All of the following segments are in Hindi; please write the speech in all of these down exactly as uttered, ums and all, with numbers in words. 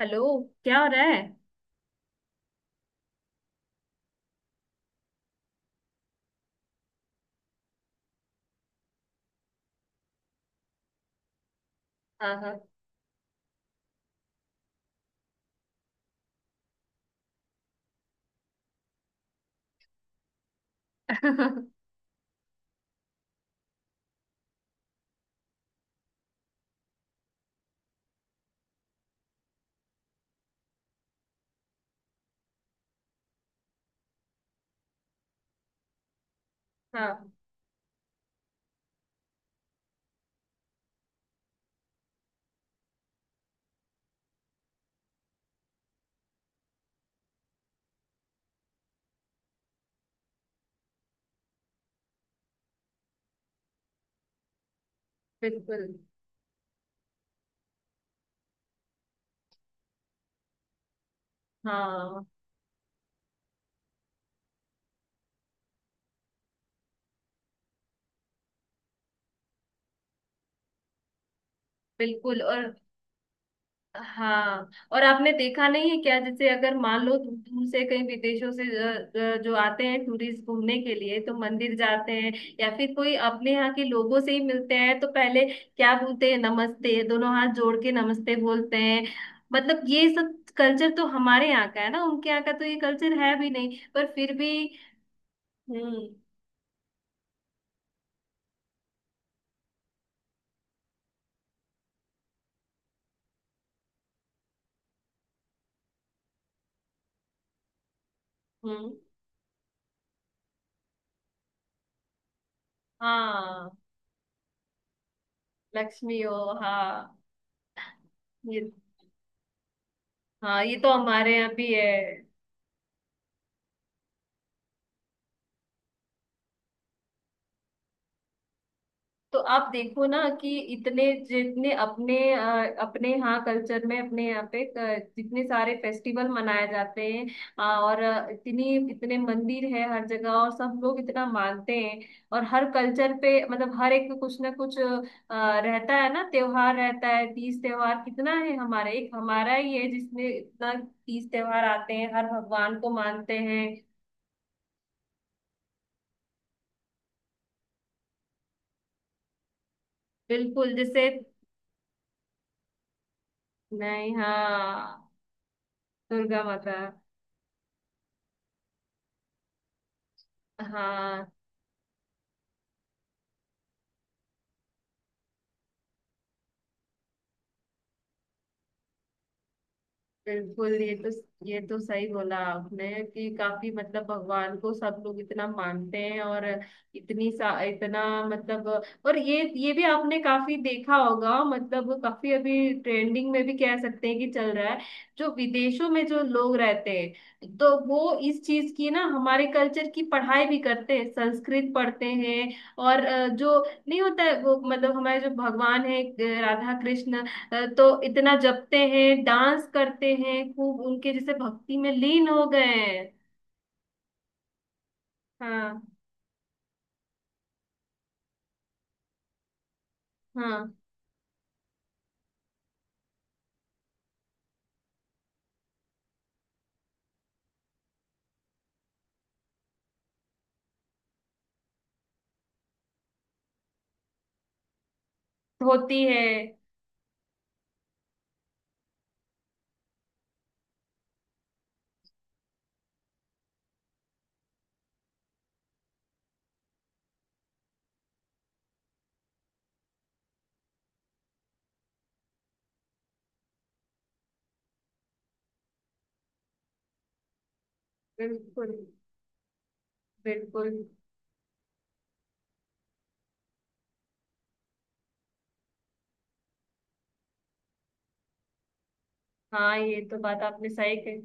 हेलो। क्या हो रहा है। हाँ, हाँ। हाँ, बिल्कुल। हाँ, बिल्कुल। और हाँ, और आपने देखा नहीं है क्या, जैसे अगर मान लो दू- दूर से कहीं विदेशों से अ, अ, जो आते हैं टूरिस्ट घूमने के लिए तो मंदिर जाते हैं, या फिर कोई अपने यहाँ के लोगों से ही मिलते हैं तो पहले क्या बोलते हैं, नमस्ते, दोनों हाथ जोड़ के नमस्ते बोलते हैं। मतलब ये सब कल्चर तो हमारे यहाँ का है ना, उनके यहाँ का तो ये कल्चर है भी नहीं, पर फिर भी। हम्म। हम्म। हाँ। लक्ष्मी हो। हाँ ये हाँ, ये तो हमारे यहाँ भी है। तो आप देखो ना कि इतने जितने अपने अ, अपने यहाँ कल्चर में, अपने यहाँ पे अ, जितने सारे फेस्टिवल मनाए जाते हैं, अ, और अ, इतनी इतने मंदिर है हर जगह, और सब लोग इतना मानते हैं। और हर कल्चर पे मतलब हर एक कुछ ना कुछ अ, रहता है ना, त्योहार रहता है, तीज त्योहार कितना है, हमारे एक हमारा ही है जिसमें इतना तीज त्योहार आते हैं, हर भगवान को मानते हैं। बिल्कुल जैसे। नहीं, हाँ। दुर्गा माता। हाँ, बिल्कुल। ये तो ये तो सही बोला आपने कि काफी मतलब भगवान को सब लोग इतना मानते हैं। और इतनी सा इतना मतलब। और ये ये भी आपने काफी देखा होगा, मतलब काफी अभी ट्रेंडिंग में भी कह सकते हैं कि चल रहा है, जो विदेशों में जो लोग रहते हैं तो वो इस चीज की ना, हमारे कल्चर की पढ़ाई भी करते हैं, संस्कृत पढ़ते हैं। और अ, जो नहीं होता है वो मतलब हमारे जो भगवान है, राधा कृष्ण, अ, तो इतना जपते हैं, डांस करते हैं, खूब उनके जैसे भक्ति में लीन हो गए हैं। हाँ, हाँ। होती है। बिल्कुल, बिल्कुल। हाँ, ये तो बात आपने सही कही।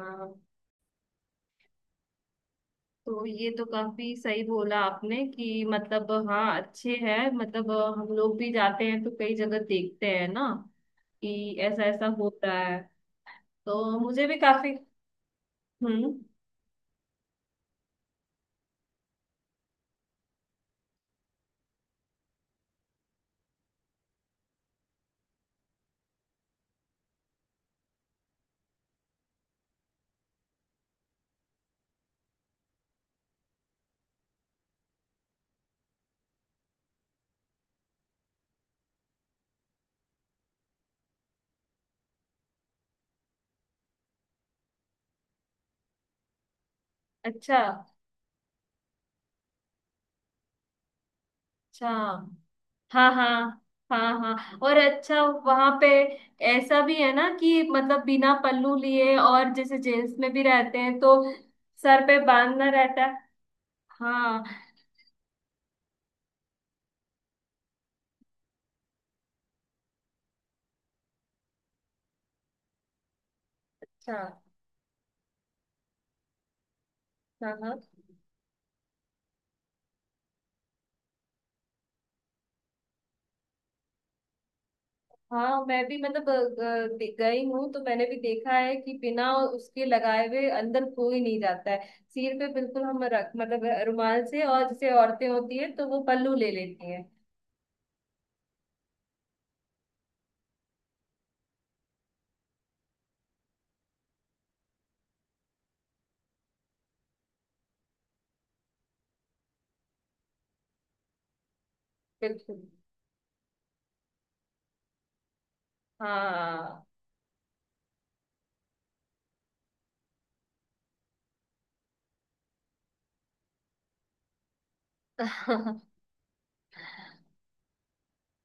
हाँ, तो ये तो काफी सही बोला आपने कि मतलब हाँ, अच्छे हैं, मतलब अ, हम लोग भी जाते हैं तो कई जगह देखते हैं ना कि ऐसा ऐसा होता है। तो मुझे भी काफी। हम्म। अच्छा। अच्छा। हाँ, हाँ। हाँ, हाँ। और अच्छा, वहां पे ऐसा भी है ना कि मतलब बिना पल्लू लिए, और जैसे जेंट्स में भी रहते हैं तो सर पे बांधना रहता है। हाँ। अच्छा। हाँ, हाँ, हाँ। मैं भी मतलब अ, अ, दे- गई हूँ तो मैंने भी देखा है कि बिना उसके लगाए हुए अंदर कोई नहीं जाता है। सिर पे बिल्कुल हम रख मतलब रुमाल से, और जैसे औरतें होती है तो वो पल्लू ले लेती हैं। बिल्कुल। हाँ।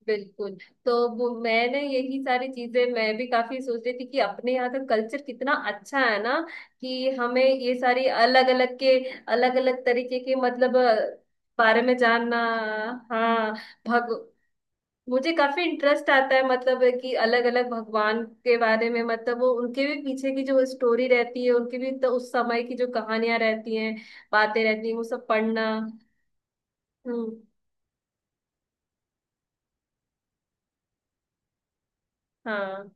बिल्कुल। तो वो मैंने यही सारी चीजें मैं भी काफी सोच रही थी कि अपने यहाँ का कल्चर कितना अच्छा है ना, कि हमें ये सारी अलग अलग के अलग अलग तरीके के मतलब अ, बारे में जानना। हाँ। भग मुझे काफी इंटरेस्ट आता है, मतलब कि अलग अलग भगवान के बारे में, मतलब वो उनके भी पीछे की जो स्टोरी रहती है, उनके भी तो उस समय की जो कहानियां रहती हैं, बातें रहती हैं, वो सब पढ़ना। हम्म। हाँ।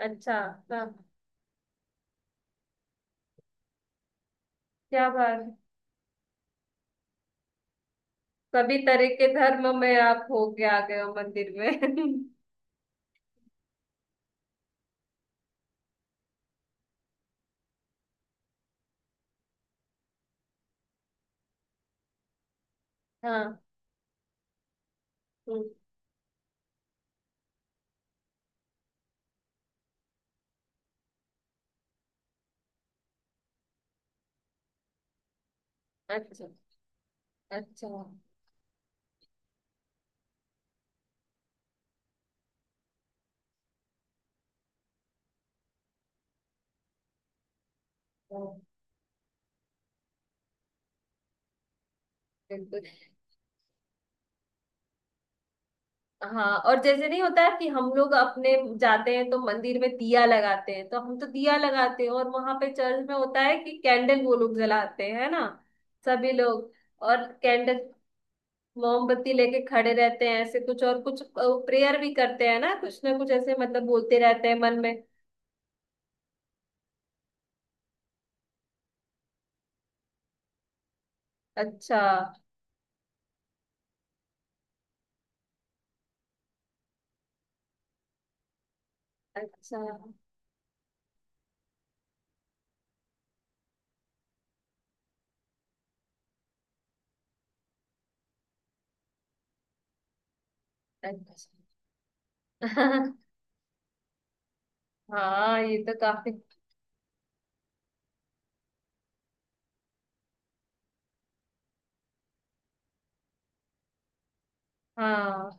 अच्छा। हाँ, क्या बात है। सभी तरह के धर्म में आप होके आ गए हो, मंदिर में। हाँ। हम्म। अच्छा, अच्छा। हाँ, बिल्कुल। हाँ, और जैसे नहीं होता है कि हम लोग अपने जाते हैं तो मंदिर में दिया लगाते हैं, तो हम तो दिया लगाते हैं, और वहां पे चर्च में होता है कि कैंडल वो लोग जलाते हैं, है ना। सभी लोग, और कैंडल, मोमबत्ती लेके खड़े रहते हैं ऐसे, कुछ और कुछ प्रेयर भी करते हैं ना, कुछ ना कुछ ऐसे मतलब बोलते रहते हैं मन में। अच्छा। अच्छा। अच्छा। हाँ, ये तो काफी। हाँ,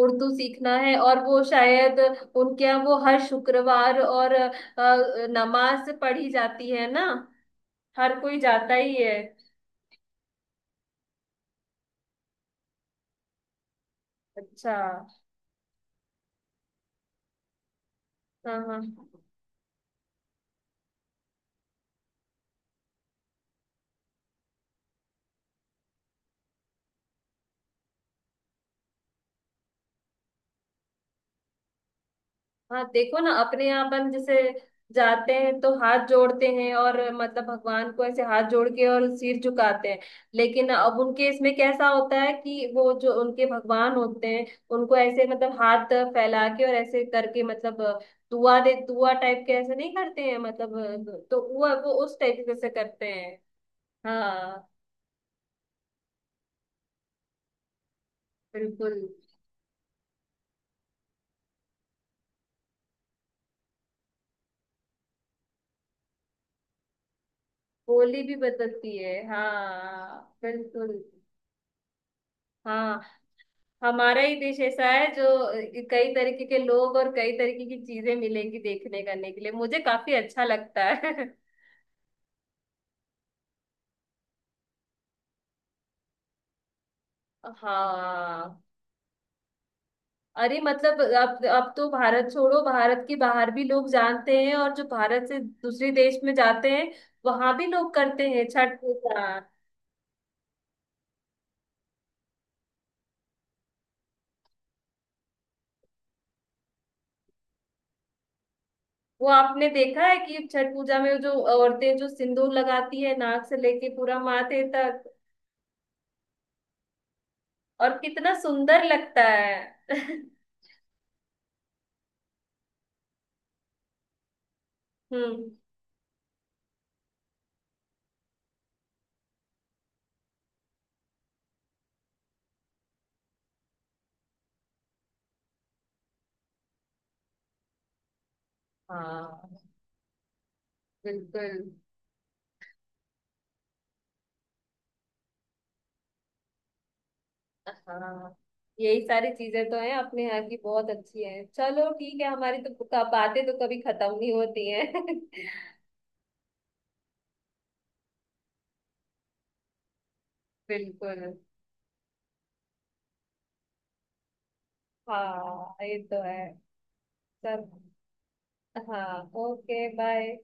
उर्दू सीखना है, और वो शायद उनके यहाँ, वो हर शुक्रवार और अ, अ, नमाज पढ़ी जाती है ना, हर कोई जाता ही है। अच्छा। हाँ, हाँ, हाँ। देखो ना अपने यहाँ अपन जैसे जाते हैं तो हाथ जोड़ते हैं और मतलब भगवान को ऐसे हाथ जोड़ के और सिर झुकाते हैं। लेकिन अब उनके इसमें कैसा होता है कि वो जो उनके भगवान होते हैं, उनको ऐसे मतलब हाथ फैला के और ऐसे करके मतलब दुआ दे दुआ टाइप के, ऐसे नहीं करते हैं मतलब, तो वो वो उस टाइप के से करते हैं। हाँ, बिल्कुल। बोली भी बदलती है, हाँ, बिल्कुल। हाँ, हमारा ही देश ऐसा है जो कई तरीके के लोग और कई तरीके की चीजें मिलेंगी देखने करने के लिए, मुझे काफी अच्छा लगता है। हाँ। अरे, मतलब अब अब तो भारत छोड़ो, भारत के बाहर भी लोग जानते हैं, और जो भारत से दूसरे देश में जाते हैं वहां भी लोग करते हैं छठ पूजा। वो आपने देखा है कि छठ पूजा में जो औरतें जो सिंदूर लगाती है नाक से लेके पूरा माथे तक, और कितना सुंदर लगता है। हम्म। हाँ। बिल्कुल। हाँ, यही सारी चीजें तो हैं अपने यहाँ की, बहुत अच्छी हैं, चलो ठीक है, हमारी तो क- बातें तो कभी खत्म नहीं होती हैं। बिल्कुल। हाँ, ये तो है। चल। हाँ, ओके, बाय।